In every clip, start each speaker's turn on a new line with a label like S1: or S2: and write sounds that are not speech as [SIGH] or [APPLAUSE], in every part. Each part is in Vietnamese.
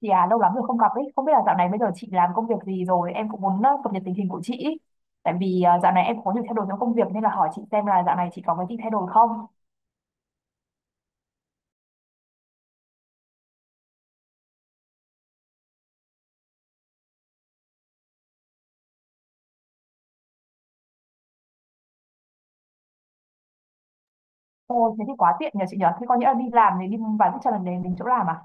S1: Chị à, lâu lắm rồi không gặp ấy, không biết là dạo này bây giờ chị làm công việc gì rồi, em cũng muốn cập nhật tình hình của chị ý. Tại vì dạo này em cũng có nhiều thay đổi trong công việc nên là hỏi chị xem là dạo này chị có cái gì thay đổi không. Ôi, thế thì quá tiện nhờ chị nhờ, thế có nghĩa là đi làm thì đi vài phút cho lần đến đến chỗ làm à?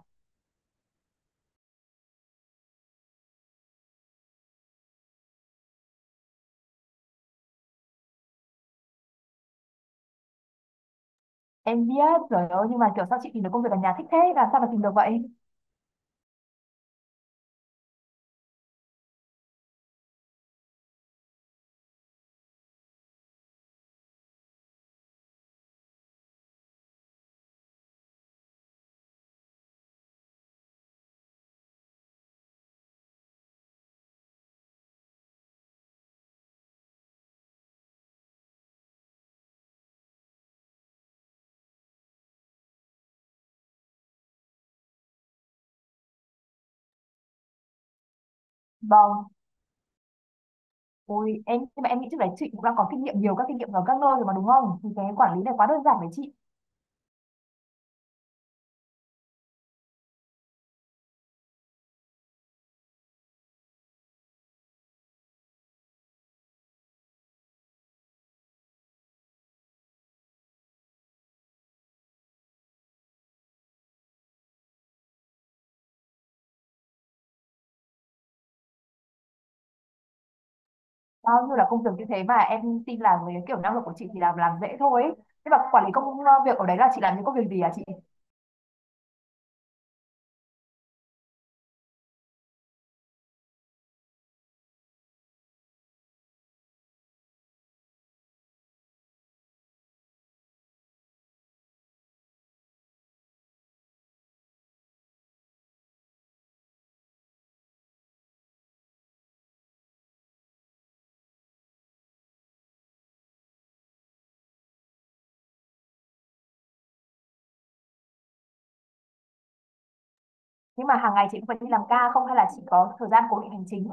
S1: Em biết, trời ơi, nhưng mà kiểu sao chị tìm được công việc ở nhà thích thế, làm sao mà tìm được vậy? Vâng, ôi, em, nhưng mà em nghĩ trước đấy chị cũng đang có kinh nghiệm nhiều các kinh nghiệm ở các nơi rồi mà đúng không? Thì cái quản lý này quá đơn giản với chị. Bao nhiêu là công việc như thế mà em tin là với kiểu năng lực của chị thì làm dễ thôi ấy. Thế mà quản lý việc ở đấy là chị làm những công việc gì à chị? Nhưng mà hàng ngày chị cũng phải đi làm ca không, hay là chị có thời gian cố định hành chính?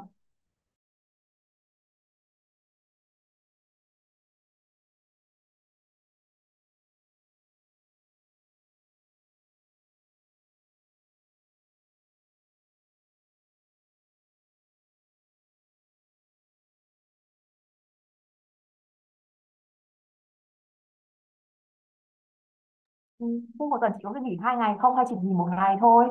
S1: Ừ, thế một tuần chị có được nghỉ hai ngày không, hay chỉ nghỉ một ngày thôi?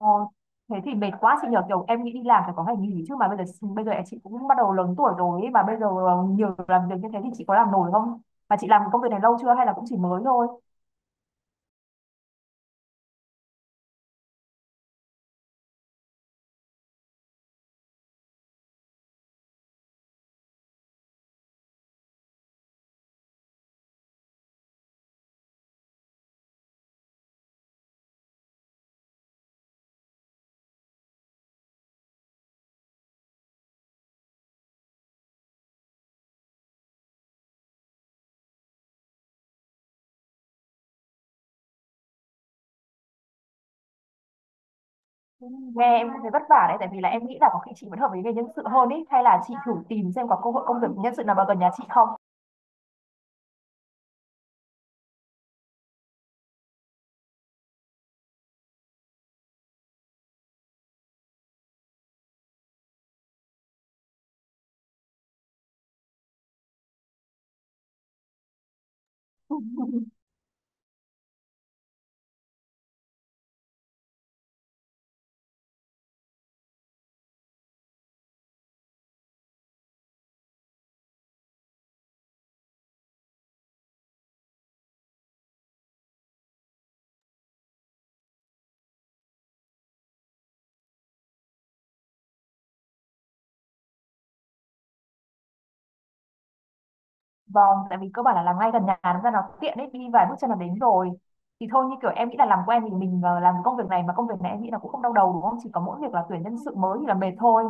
S1: Ờ, thế thì mệt quá chị nhờ, kiểu em nghĩ đi làm phải có ngày nghỉ chứ, mà bây giờ chị cũng bắt đầu lớn tuổi rồi ấy, mà bây giờ nhiều làm việc như thế thì chị có làm nổi không? Mà chị làm công việc này lâu chưa hay là cũng chỉ mới thôi? Nghe em cũng thấy vất vả đấy, tại vì là em nghĩ là có khi chị vẫn hợp với nghề nhân sự hơn ý, hay là chị thử tìm xem có cơ hội công việc nhân sự nào vào gần nhà chị không. [LAUGHS] Vâng, tại vì cơ bản là làm ngay gần nhà nó ra nó tiện đấy, đi vài bước chân là đến rồi. Thì thôi như kiểu em nghĩ là làm quen thì mình làm công việc này, mà công việc này em nghĩ là cũng không đau đầu đúng không? Chỉ có mỗi việc là tuyển nhân sự mới thì là mệt thôi.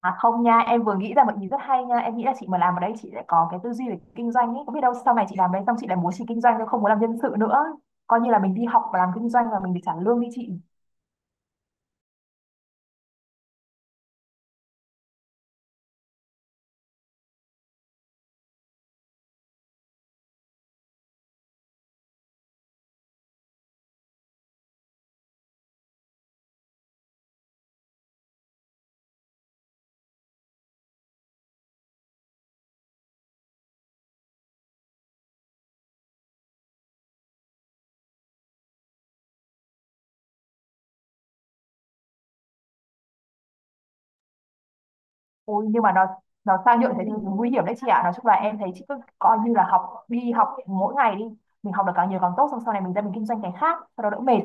S1: À không nha, em vừa nghĩ ra một ý rất hay nha. Em nghĩ là chị mà làm ở đây chị sẽ có cái tư duy về kinh doanh ấy. Có biết đâu sau này chị làm đây xong chị lại muốn chị kinh doanh chứ không muốn làm nhân sự nữa. Coi như là mình đi học và làm kinh doanh và mình được trả lương đi chị. Ôi, nhưng mà nó sang nhượng thế thì nguy hiểm đấy chị ạ. Nói chung là em thấy chị cứ coi như là học, đi học mỗi ngày đi, mình học được càng nhiều càng tốt, xong sau này mình ra mình kinh doanh cái khác, sau đó đỡ mệt.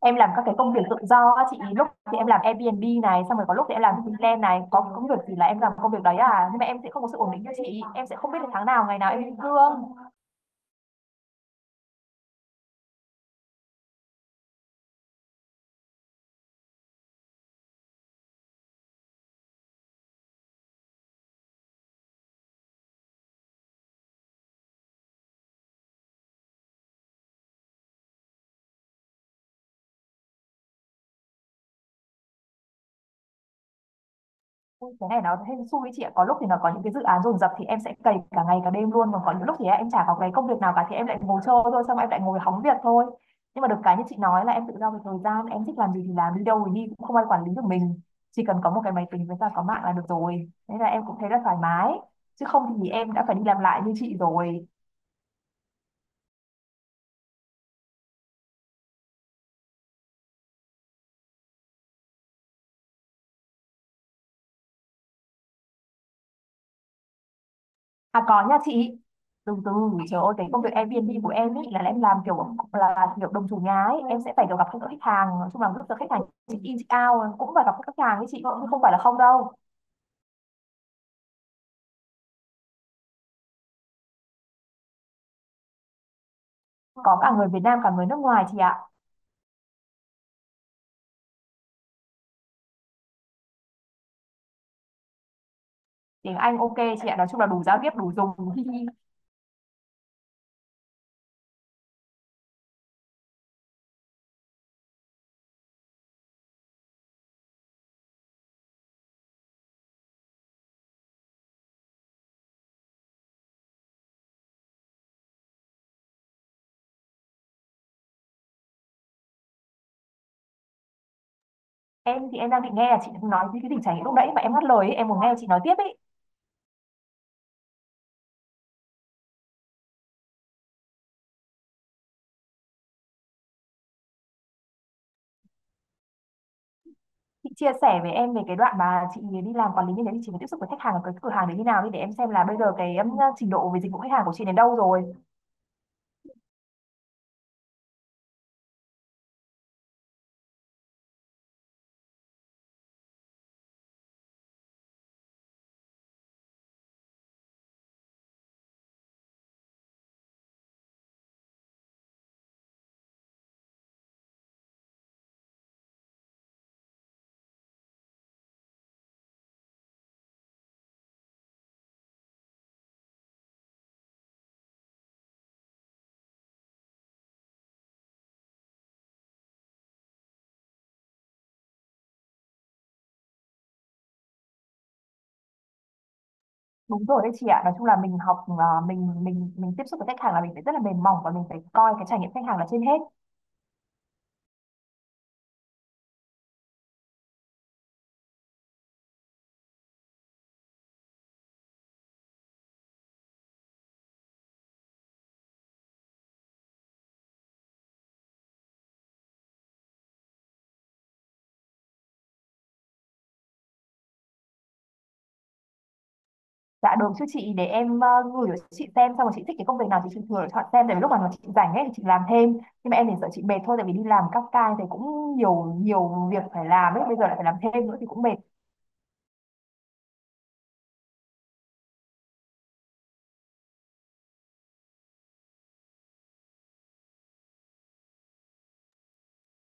S1: Em làm các cái công việc tự do á chị, lúc thì em làm Airbnb này, xong rồi có lúc thì em làm freelance này, có công việc thì là em làm công việc đấy à, nhưng mà em sẽ không có sự ổn định như chị, em sẽ không biết là tháng nào, ngày nào em lĩnh lương. Ui, cái này nó hên xui đấy chị ạ. Có lúc thì nó có những cái dự án dồn dập thì em sẽ cày cả ngày cả đêm luôn, còn có những lúc thì em chả có cái công việc nào cả thì em lại ngồi chơi thôi, xong rồi em lại ngồi hóng việc thôi. Nhưng mà được cái như chị nói là em tự do về thời gian, em thích làm gì thì làm, đi đâu thì đi, cũng không ai quản lý được mình. Chỉ cần có một cái máy tính với cả có mạng là được rồi, thế là em cũng thấy là thoải mái. Chứ không thì em đã phải đi làm lại như chị rồi. À có nha chị. Từ từ, trời ơi, cái công việc Airbnb của em ý là em làm kiểu là kiểu đồng chủ nhà ấy, em sẽ phải kiểu gặp các khách hàng, nói chung là lúc giờ khách hàng check in check out cũng phải gặp các khách hàng ấy chị, cũng không phải là không đâu. Có cả người Việt Nam cả người nước ngoài chị ạ. Tiếng Anh ok chị ạ, nói chung là đủ giao tiếp đủ dùng. [LAUGHS] Em thì em đang định nghe là chị nói cái tình trạng lúc nãy mà em ngắt lời ấy, em muốn nghe chị nói tiếp ấy. Chị chia sẻ với em về cái đoạn mà chị đi làm quản lý như thế thì chị phải tiếp xúc với khách hàng ở cái cửa hàng đấy như nào đi, để em xem là bây giờ cái trình độ về dịch vụ khách hàng của chị đến đâu rồi. Đúng rồi đấy chị ạ. Nói chung là mình học, mình tiếp xúc với khách hàng là mình phải rất là mềm mỏng và mình phải coi cái trải nghiệm khách hàng là trên hết. Dạ được chứ chị, để em gửi cho chị xem, xong rồi chị thích cái công việc nào thì chị thử chọn xem, tại vì lúc mà chị rảnh ấy thì chị làm thêm. Nhưng mà em thì sợ chị mệt thôi, tại vì đi làm các ca thì cũng nhiều nhiều việc phải làm ấy, bây giờ lại phải làm thêm nữa thì cũng mệt.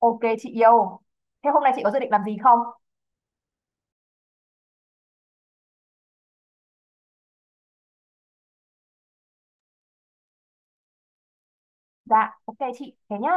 S1: Ok chị yêu. Thế hôm nay chị có dự định làm gì không? Dạ, ok chị, thế nhá.